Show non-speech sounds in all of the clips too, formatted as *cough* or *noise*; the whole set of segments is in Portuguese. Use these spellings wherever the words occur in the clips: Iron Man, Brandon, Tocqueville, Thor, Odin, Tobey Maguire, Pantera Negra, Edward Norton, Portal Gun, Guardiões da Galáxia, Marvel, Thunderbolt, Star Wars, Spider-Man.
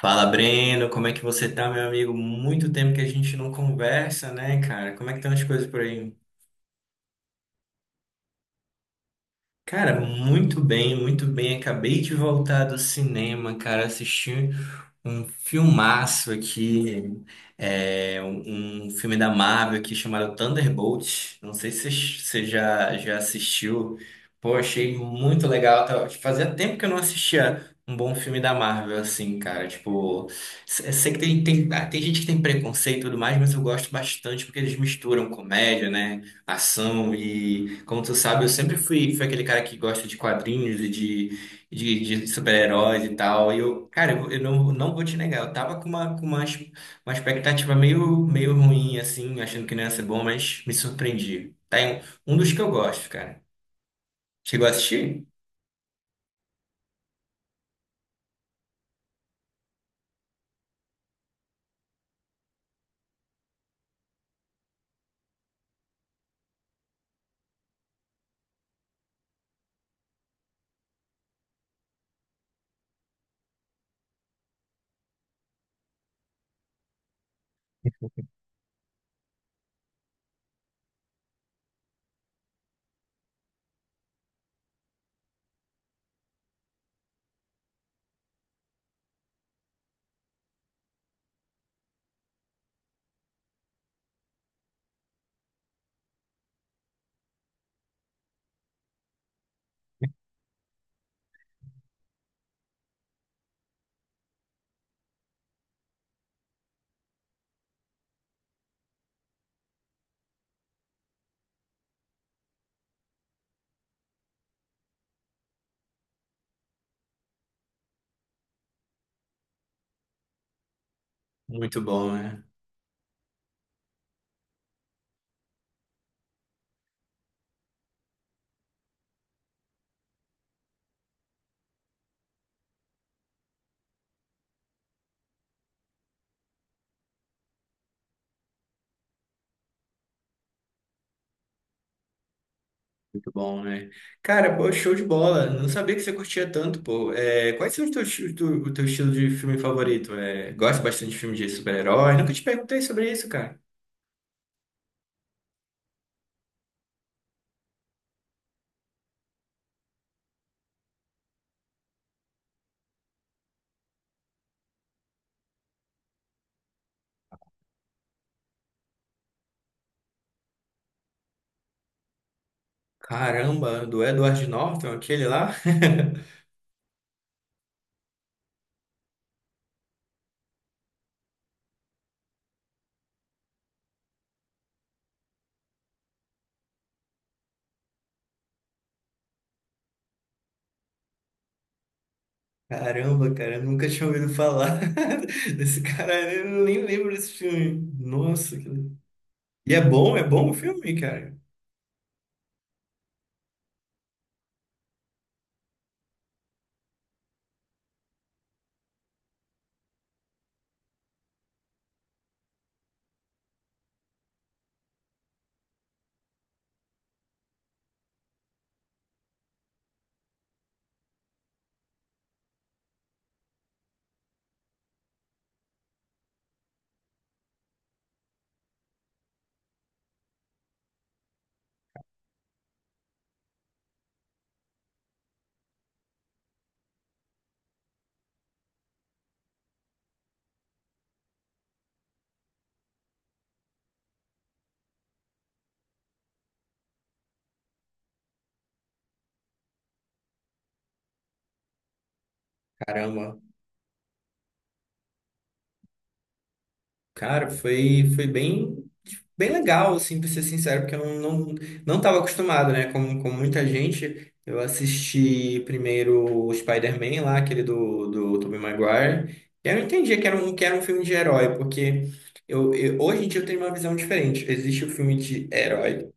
Fala, Breno, como é que você tá, meu amigo? Muito tempo que a gente não conversa, né, cara? Como é que estão as coisas por aí? Cara, muito bem, muito bem. Acabei de voltar do cinema, cara. Assisti um filmaço aqui, um filme da Marvel aqui chamado Thunderbolt. Não sei se você já assistiu. Pô, achei muito legal. Fazia tempo que eu não assistia um bom filme da Marvel, assim, cara. Tipo, sei que tem gente que tem preconceito e tudo mais, mas eu gosto bastante porque eles misturam comédia, né? Ação e, como tu sabe, eu sempre fui aquele cara que gosta de quadrinhos e de, de, de super-heróis e tal. E eu, cara, eu não vou te negar, eu tava com uma, uma expectativa meio ruim, assim, achando que não ia ser bom, mas me surpreendi. Tá em um dos que eu gosto, cara. Chegou a assistir? Muito bom, né? Muito bom, né? Cara, pô, show de bola. Não sabia que você curtia tanto, pô. É, quais são os teus, os tu- o teu estilo de filme favorito? É, gosta bastante de filme de super-herói? Nunca te perguntei sobre isso, cara. Caramba, do Edward Norton, aquele lá? *laughs* Caramba, cara, eu nunca tinha ouvido falar *laughs* desse cara, eu nem lembro desse filme. Nossa, que... E é bom o filme, cara. Caramba. Cara, foi bem. Bem legal, assim, pra ser sincero, porque eu não, não estava acostumado, né? Como, como muita gente, eu assisti primeiro o Spider-Man lá, aquele do Tobey Maguire, e eu entendia que era um filme de herói, porque hoje em dia eu tenho uma visão diferente. Existe o filme de herói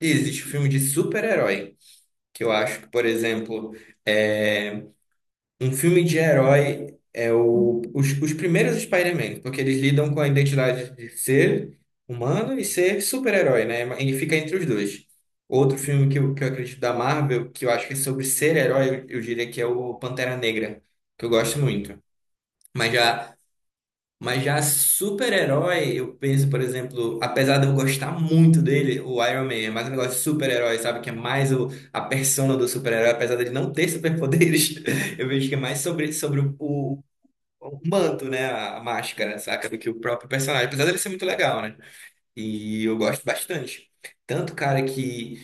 e existe o filme de super-herói, que eu acho que, por exemplo, é, um filme de herói é os primeiros Spider-Man, porque eles lidam com a identidade de ser humano e ser super-herói, né? E fica entre os dois. Outro filme que eu acredito da Marvel, que eu acho que é sobre ser herói, eu diria que é o Pantera Negra, que eu gosto muito. Mas já mas já super-herói, eu penso, por exemplo, apesar de eu gostar muito dele, o Iron Man é mais um negócio de super-herói, sabe? Que é mais o, a persona do super-herói, apesar dele não ter superpoderes, *laughs* eu vejo que é mais sobre, sobre o manto, né? A máscara, saca? Do que o próprio personagem, apesar dele ser muito legal, né? E eu gosto bastante. Tanto, cara, que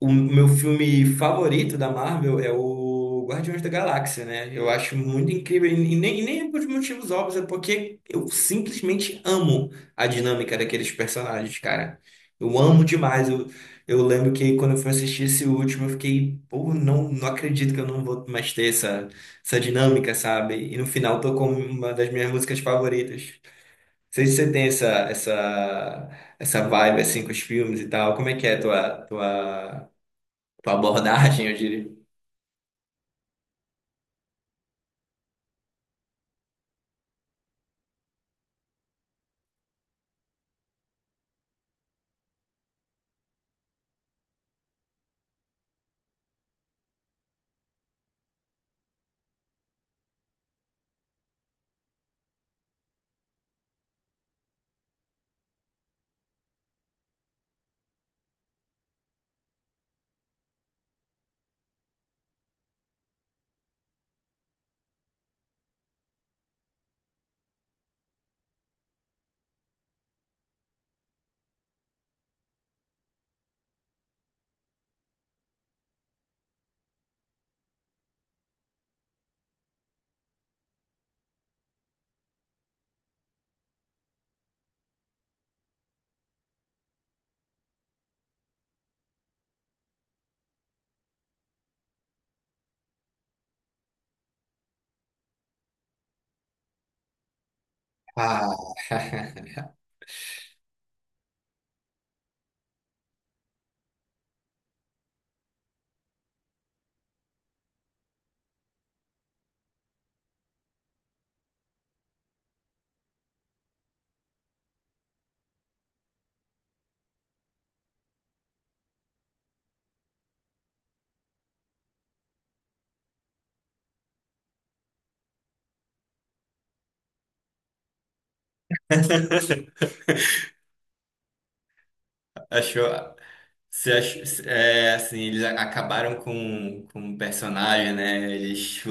o meu filme favorito da Marvel é o Guardiões da Galáxia, né? Eu acho muito incrível, e nem por motivos óbvios, é porque eu simplesmente amo a dinâmica daqueles personagens, cara. Eu amo demais. Eu lembro que quando eu fui assistir esse último, eu fiquei, pô, não acredito que eu não vou mais ter essa, essa dinâmica, sabe? E no final tocou uma das minhas músicas favoritas. Não sei se você tem essa vibe assim com os filmes e tal. Como é que é a tua abordagem, eu diria. Ah, *laughs* Achou? É, assim, acabaram com o personagem, né? Eles tipo,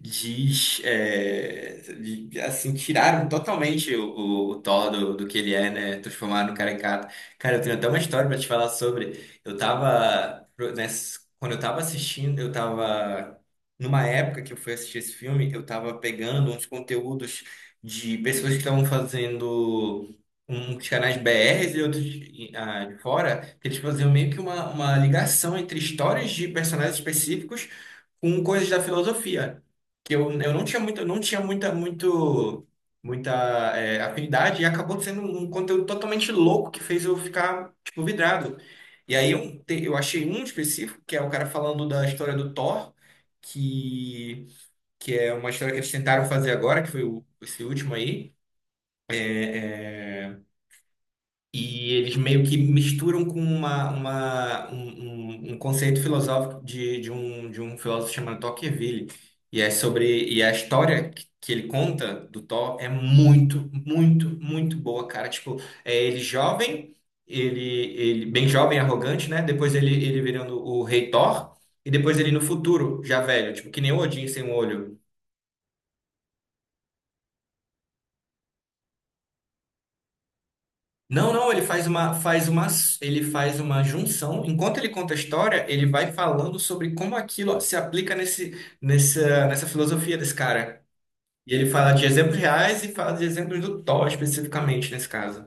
diz, é, de- assim, tiraram totalmente o Thor do que ele é, né? Transformaram no caricato. Cara, eu tenho até uma história pra te falar sobre. Quando eu tava assistindo, eu tava, numa época que eu fui assistir esse filme, eu tava pegando uns conteúdos de pessoas que estavam fazendo uns canais BRs e outros de fora, que eles faziam meio que uma ligação entre histórias de personagens específicos com coisas da filosofia, que eu não tinha muita é, afinidade e acabou sendo um conteúdo totalmente louco que fez eu ficar, tipo, vidrado. E aí eu achei um específico, que é o cara falando da história do Thor, que, que é uma história que eles tentaram fazer agora, que foi esse último aí. E eles meio que misturam com uma, um, um um conceito filosófico de um filósofo chamado Tocqueville. E é sobre, e a história que ele conta do Thor é muito boa, cara. Tipo, é ele jovem, ele, ele bem jovem, arrogante, né? Depois ele virando o rei Thor, e depois ele no futuro, já velho, tipo, que nem o Odin sem um olho. Não, não, ele ele faz uma junção. Enquanto ele conta a história, ele vai falando sobre como aquilo se aplica nessa filosofia desse cara. E ele fala de exemplos reais e fala de exemplos do Thor especificamente nesse caso.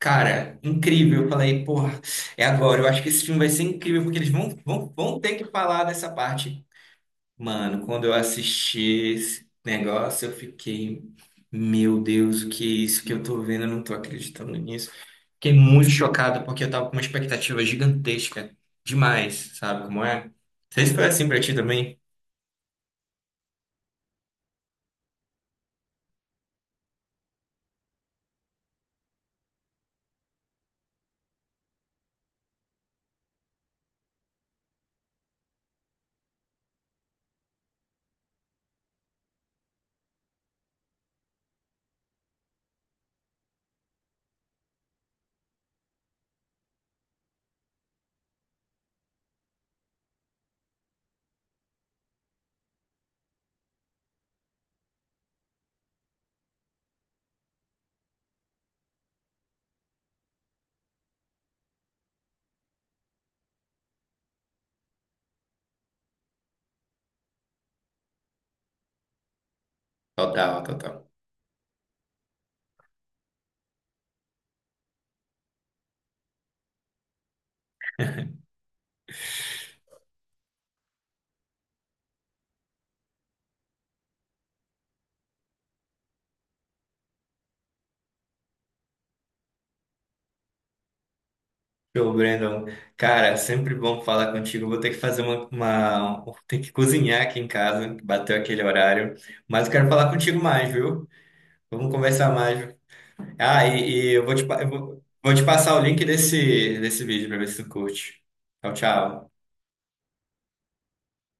Cara, incrível. Eu falei, porra, é agora. Eu acho que esse filme vai ser incrível porque eles vão ter que falar dessa parte. Mano, quando eu assisti esse negócio, eu fiquei, meu Deus, o que é isso que eu tô vendo? Eu não tô acreditando nisso. Fiquei muito chocado porque eu tava com uma expectativa gigantesca. Demais, sabe como é? Não sei se foi assim pra ti também. Total, total. Show, Brandon. Cara, sempre bom falar contigo. Vou ter que fazer Vou ter que cozinhar aqui em casa, que bateu aquele horário. Mas eu quero falar contigo mais, viu? Vamos conversar mais, viu? Ah, e eu vou vou te passar o link desse vídeo pra ver se tu curte. Tchau, tchau.